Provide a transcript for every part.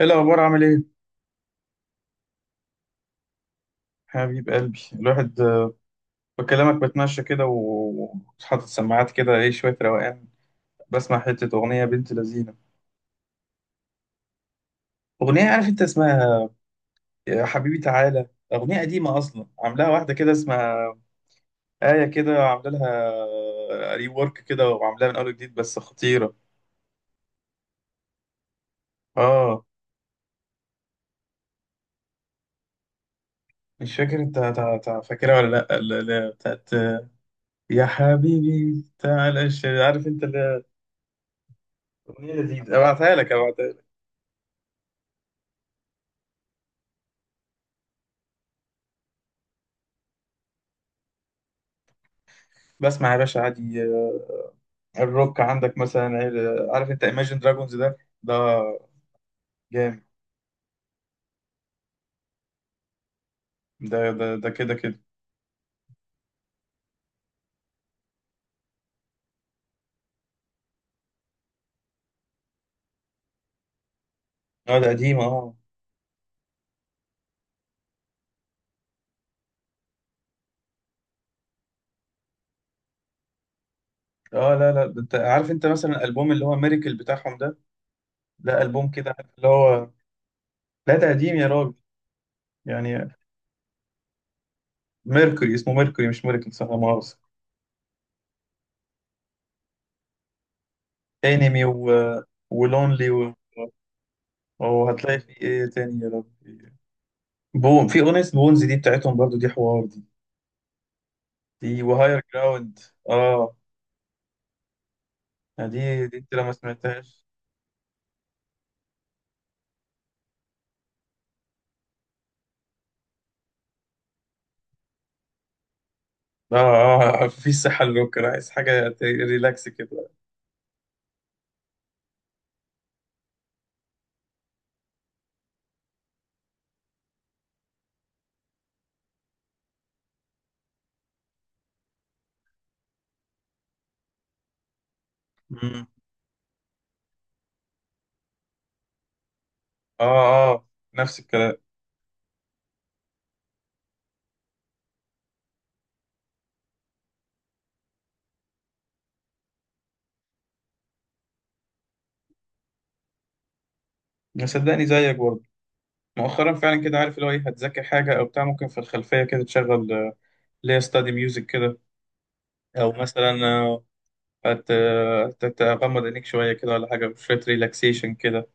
ايه الاخبار؟ عامل ايه؟ حبيب قلبي الواحد. بكلمك بتمشى كده وحاطط سماعات كده، ايه شويه روقان. بسمع حته اغنيه بنت لذينه. اغنيه، عارف انت اسمها؟ يا حبيبي تعالى. اغنيه قديمه اصلا، عاملاها واحده كده اسمها آية كده، عامله لها ري ورك كده وعاملاها من اول جديد، بس خطيره. اه. مش فاكر انت، فاكرها ولا لا؟ بتاعت. يا حبيبي تعالى عارف انت هي. اغنيه لذيذه، ابعتها لك ابعتها لك. بسمع يا باشا عادي. الروك عندك مثلا، عارف انت Imagine Dragons ده؟ ده جامد. ده ده ده كده كده. اه ده قديم اه. اه، لا لا، ده انت عارف انت مثلا الالبوم اللي هو ميريكل بتاعهم ده؟ ده البوم كده، عارف اللي هو. لا ده قديم يا راجل، يعني. ميركوري اسمه، ميركوري مش ميريكل، صح؟ لا مؤاخذة. انمي، و... ولونلي، و... وهتلاقي في ايه تاني يا ربي؟ في اغنية بونز دي بتاعتهم برضو، دي حوار دي. دي وهاير جراوند. اه. يعني دي انت لو ما سمعتهاش. اه اه. في صحة للروك. أنا عايز حاجة ريلاكس كده. مم. اه اه، نفس الكلام. صدقني زيك برضه، مؤخرا فعلا كده، عارف اللي هو ايه، هتذاكر حاجة او بتاع، ممكن في الخلفية كده تشغل، اللي هي ستادي ميوزك كده. او مثلا، هت هتغمض عينيك شوية كده، ولا حاجة شوية ريلاكسيشن كده،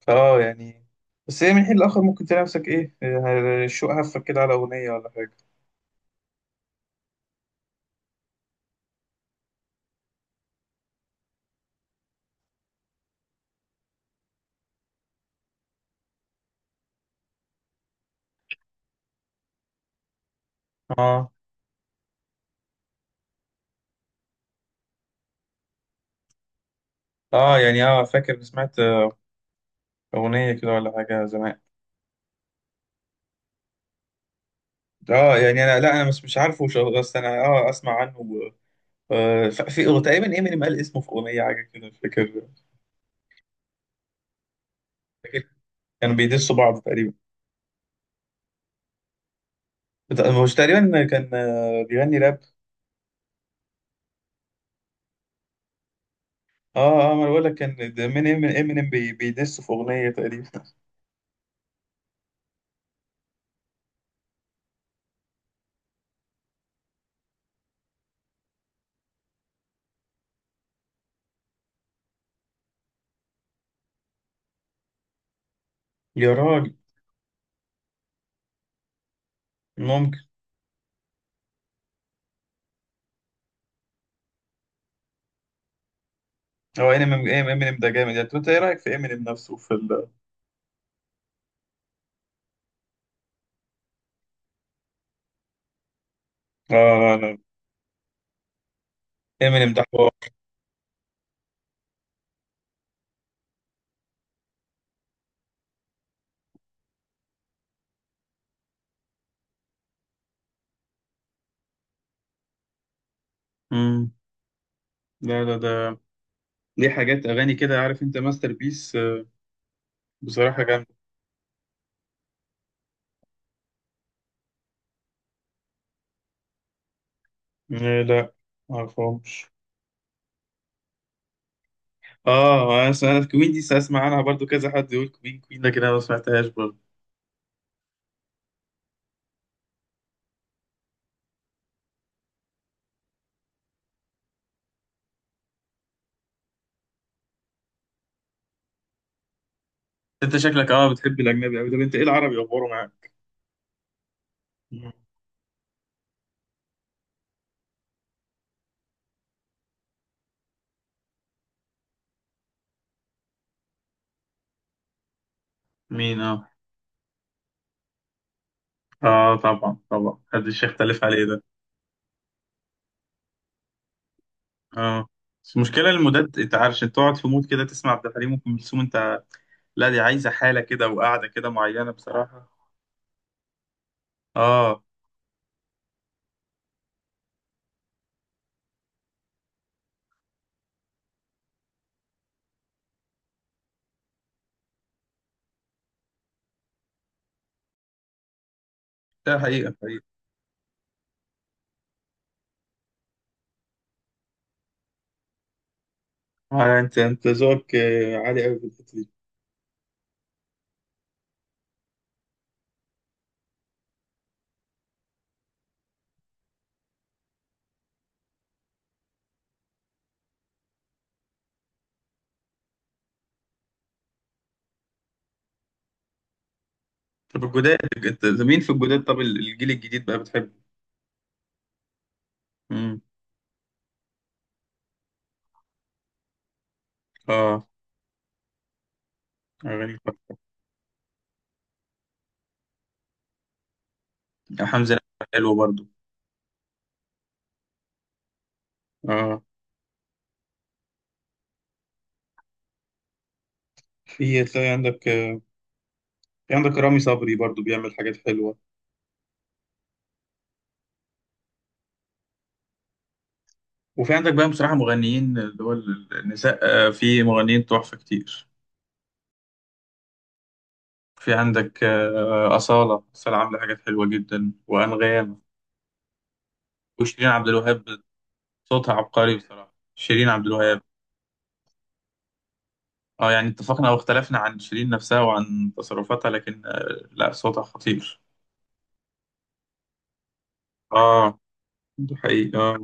فاه يعني. بس هي من حين لآخر ممكن تلاقي نفسك ايه، شوق هفك كده على أغنية ولا حاجة. اه اه، يعني اه فاكر سمعت، أغنية كده ولا حاجة زمان. اه يعني انا، لا انا مش عارفه بس انا اه اسمع عنه. في هو تقريبا امينيم قال اسمه في اغنيه، حاجه كده مش فاكر. فاكر كانوا بيدسوا بعض تقريبا. مش تقريبا، كان بيغني راب. اه اه، ما انا بقول لك كان امينيم، امينيم بيدسوا في اغنيه تقريبا. يا راجل. ممكن. هو امينيم ده جامد يعني، طب انت ايه رايك في امينيم نفسه في ال. اه لا لا، امينيم ده حوار. امم. لا لا ده ليه حاجات اغاني كده، عارف انت، ماستر بيس. بصراحه جامده. لا معرفهمش اه انا سمعت كوين دي، اسمع عنها برضو كذا حد يقول كوين كوين، لكن انا ما سمعتهاش برضو. انت شكلك اه بتحب الاجنبي قوي. طب انت ايه العربي اخباره معاك؟ مم. مين؟ اه اه، طبعا طبعا، محدش يختلف عليه ده. اه، بس المشكله المودات، انت عارف، انت تقعد في مود كده تسمع عبد الحليم وام كلثوم، انت؟ لا دي عايزه حاله كده وقاعده كده معينه بصراحه. اه ده حقيقه حقيقه. انت انت ذوقك عالي قوي في الحته دي. طب الجداد، انت مين في الجداد؟ طب الجيل الجديد بقى بتحبه؟ امم. اه. اغاني؟ يعني حمزة نمرة حلو برضو. اه، في تلاقي عندك، في عندك رامي صبري برضو، بيعمل حاجات حلوة. وفي عندك بقى بصراحة مغنيين، اللي هو النساء، في مغنيين تحفة كتير. في عندك، أصالة، أصالة عاملة حاجات حلوة جدا، وأنغام، وشيرين عبد الوهاب. صوتها عبقري بصراحة شيرين عبد الوهاب. اه يعني، اتفقنا او اختلفنا عن شيرين نفسها وعن تصرفاتها، لكن لا صوتها خطير. اه ده حقيقي اه.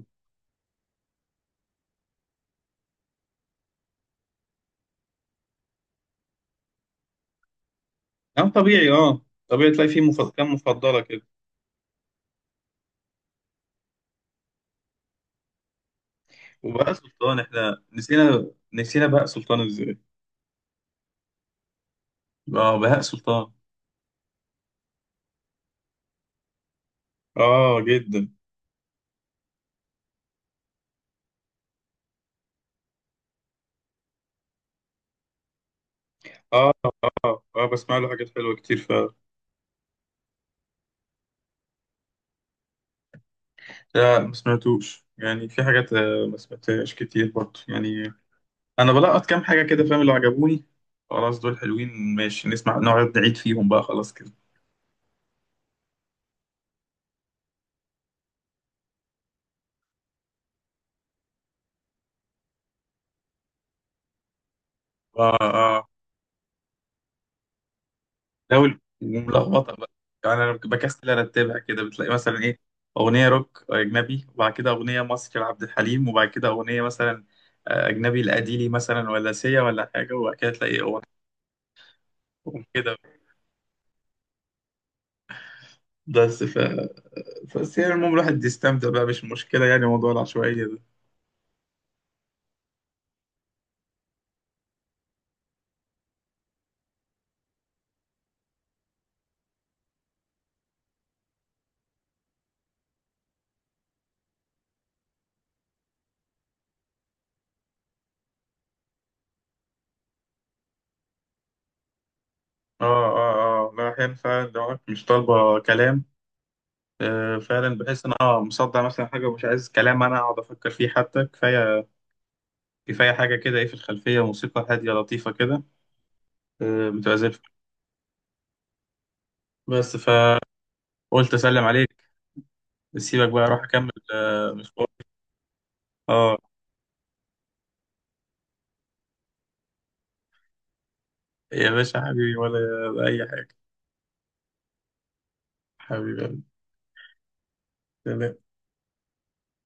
طبيعي اه، طبيعي تلاقي فيه كام مفضلة كده. وبهاء سلطان، احنا نسينا بهاء سلطان ازاي؟ اه بهاء سلطان. اه جدا. اه اه، اه بسمع له حاجات حلوة كتير، ف. لا ما سمعتوش، يعني في حاجات، ما سمعتهاش كتير برضه يعني. انا بلقط كام حاجة كده فاهم؟ اللي عجبوني خلاص دول حلوين، ماشي نسمع، نقعد نعيد فيهم بقى خلاص كده. اه اه. لو ملخبطه بقى، يعني انا بكسل ارتبها كده، بتلاقي مثلا ايه، اغنيه روك اجنبي، وبعد كده اغنيه مصري لعبد الحليم، وبعد كده اغنيه مثلا، اجنبي لاديلي مثلا، ولا سيا ولا حاجه، وبعد كده تلاقي اغنيه كده. بس ف... بس يعني المهم الواحد يستمتع بقى، مش مشكله يعني موضوع العشوائيه ده. اه اه اه، لا احيانا فعلا لو أنا مش طالبه كلام، فعلا بحس ان انا مصدع مثلا حاجه، ومش عايز كلام انا اقعد افكر فيه، حتى كفايه كفايه حاجه كده ايه، في الخلفيه موسيقى هاديه لطيفه كده، متعزف. بس فقلت اسلم عليك، سيبك بقى اروح اكمل مشوار. اه يا باشا، حبيبي ولا اي حاجه. حبيبي.